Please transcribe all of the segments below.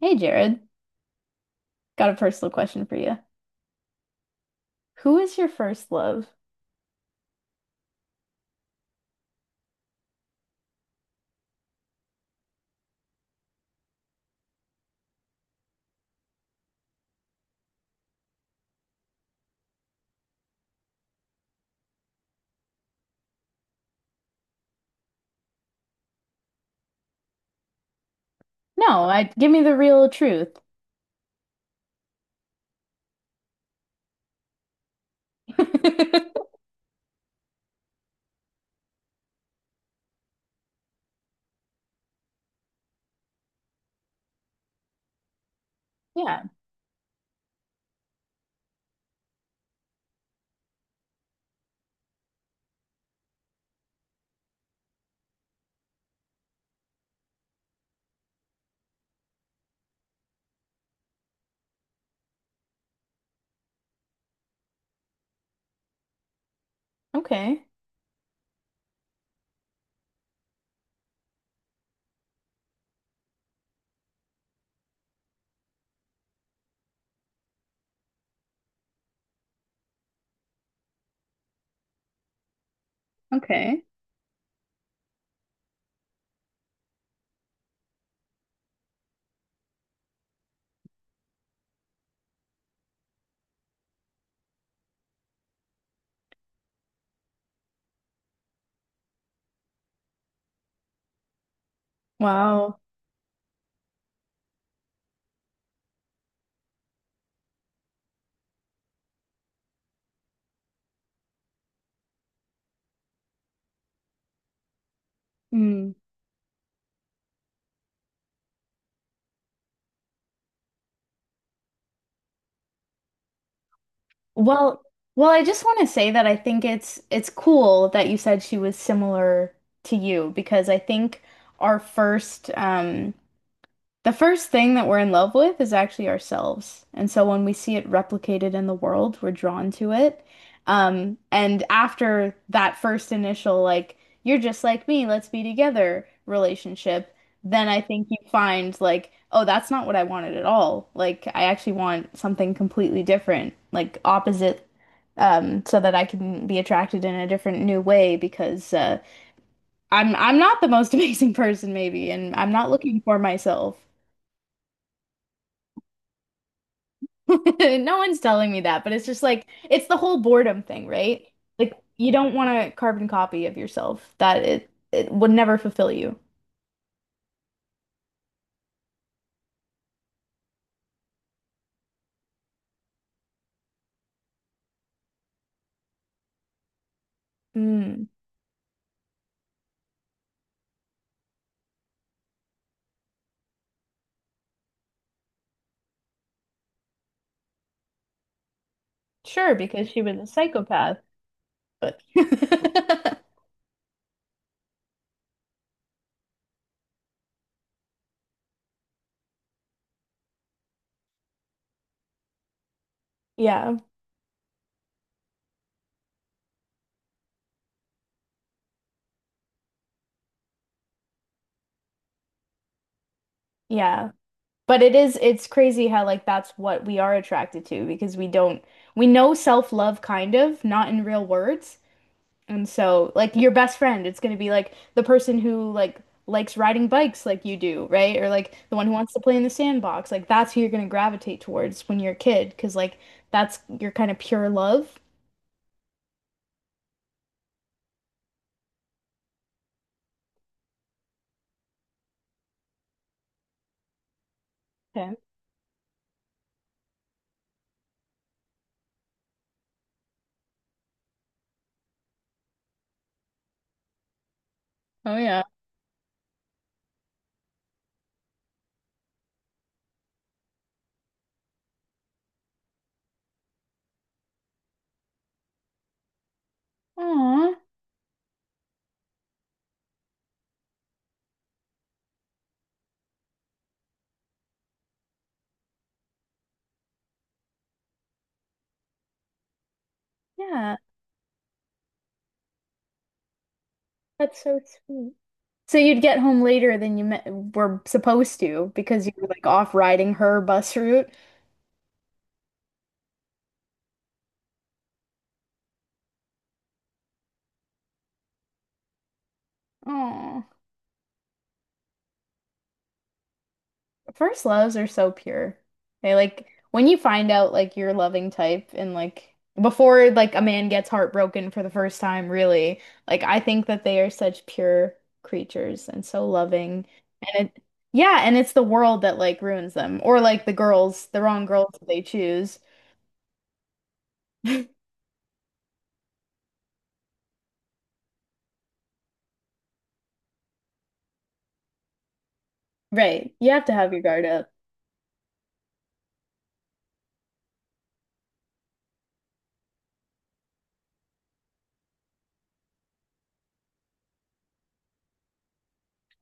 Hey Jared, got a personal question for you. Who is your first love? No, I give me the real truth. Yeah, okay. Okay. Wow. Hmm. Well, I just want to say that I think it's cool that you said she was similar to you because I think our first The first thing that we're in love with is actually ourselves. And so when we see it replicated in the world, we're drawn to it. And after that first initial, like, you're just like me, let's be together relationship, then I think you find, like, oh, that's not what I wanted at all. Like, I actually want something completely different, like opposite, so that I can be attracted in a different new way because I'm not the most amazing person, maybe, and I'm not looking for myself. No one's telling me that, but it's just like it's the whole boredom thing, right? Like you don't want a carbon copy of yourself that it would never fulfill you. Mm, sure, because she was a psychopath, but yeah, yeah. But it is it's crazy how like that's what we are attracted to because we don't we know self-love kind of, not in real words. And so, like your best friend, it's going to be like the person who like likes riding bikes like you do, right? Or like the one who wants to play in the sandbox. Like that's who you're going to gravitate towards when you're a kid, because like that's your kind of pure love. Okay. Oh yeah. Aw, yeah, that's so sweet. So you'd get home later than you me were supposed to because you were like off riding her bus route. Aw. First loves are so pure. They like when you find out like your loving type and like before like a man gets heartbroken for the first time, really, like I think that they are such pure creatures and so loving. And it Yeah, and it's the world that like ruins them or like the girls, the wrong girls that they choose. Right. You have to have your guard up.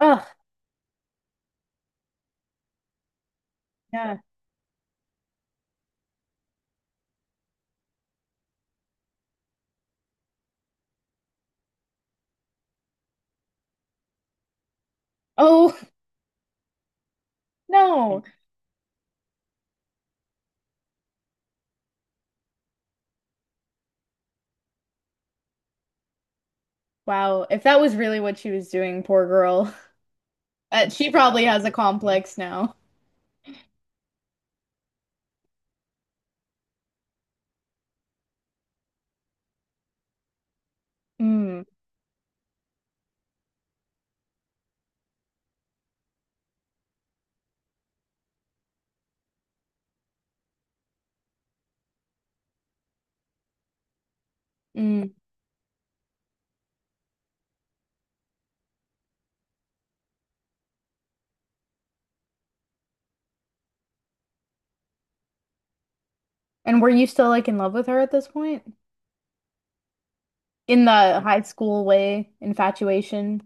Oh, yeah. Oh, no. Wow. If that was really what she was doing, poor girl. She probably has a complex now. Mm, mm. And were you still like in love with her at this point? In the high school way, infatuation?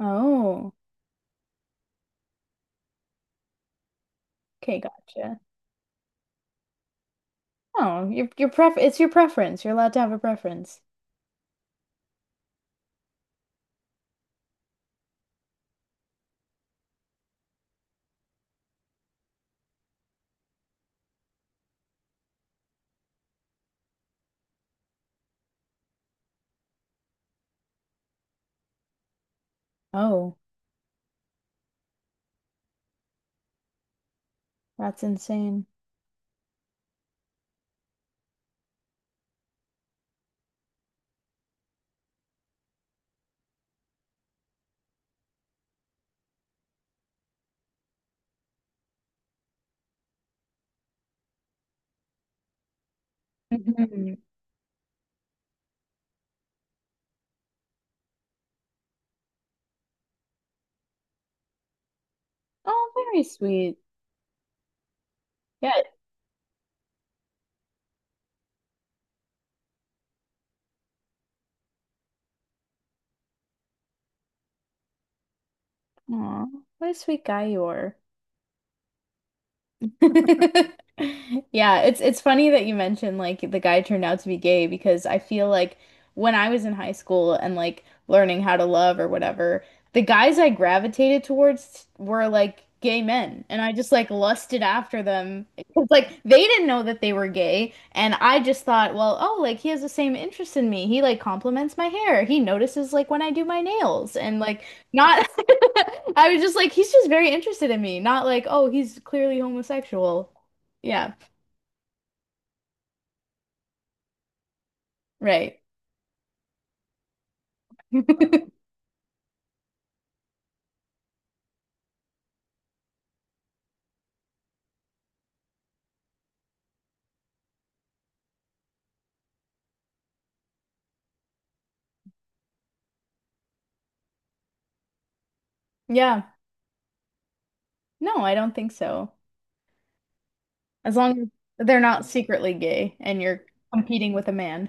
Oh, okay, gotcha. Oh, your pref it's your preference. You're allowed to have a preference. Oh, that's insane. Mhm. Oh, very sweet. Yeah. Aw, what a sweet guy you are. Yeah, it's funny that you mentioned like the guy turned out to be gay because I feel like when I was in high school and like learning how to love or whatever, the guys I gravitated towards were like gay men and I just like lusted after them because like they didn't know that they were gay and I just thought, well, oh, like he has the same interest in me. He like compliments my hair. He notices like when I do my nails and like not, I was just like, he's just very interested in me. Not like, oh, he's clearly homosexual. Yeah, right. Yeah, no, I don't think so. As long as they're not secretly gay and you're competing with a man.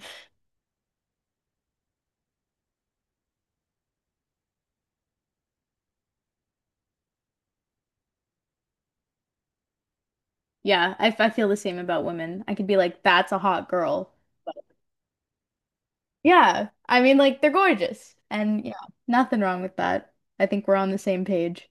Yeah, I feel the same about women. I could be like, that's a hot girl. But yeah, I mean, like, they're gorgeous. And yeah, nothing wrong with that. I think we're on the same page.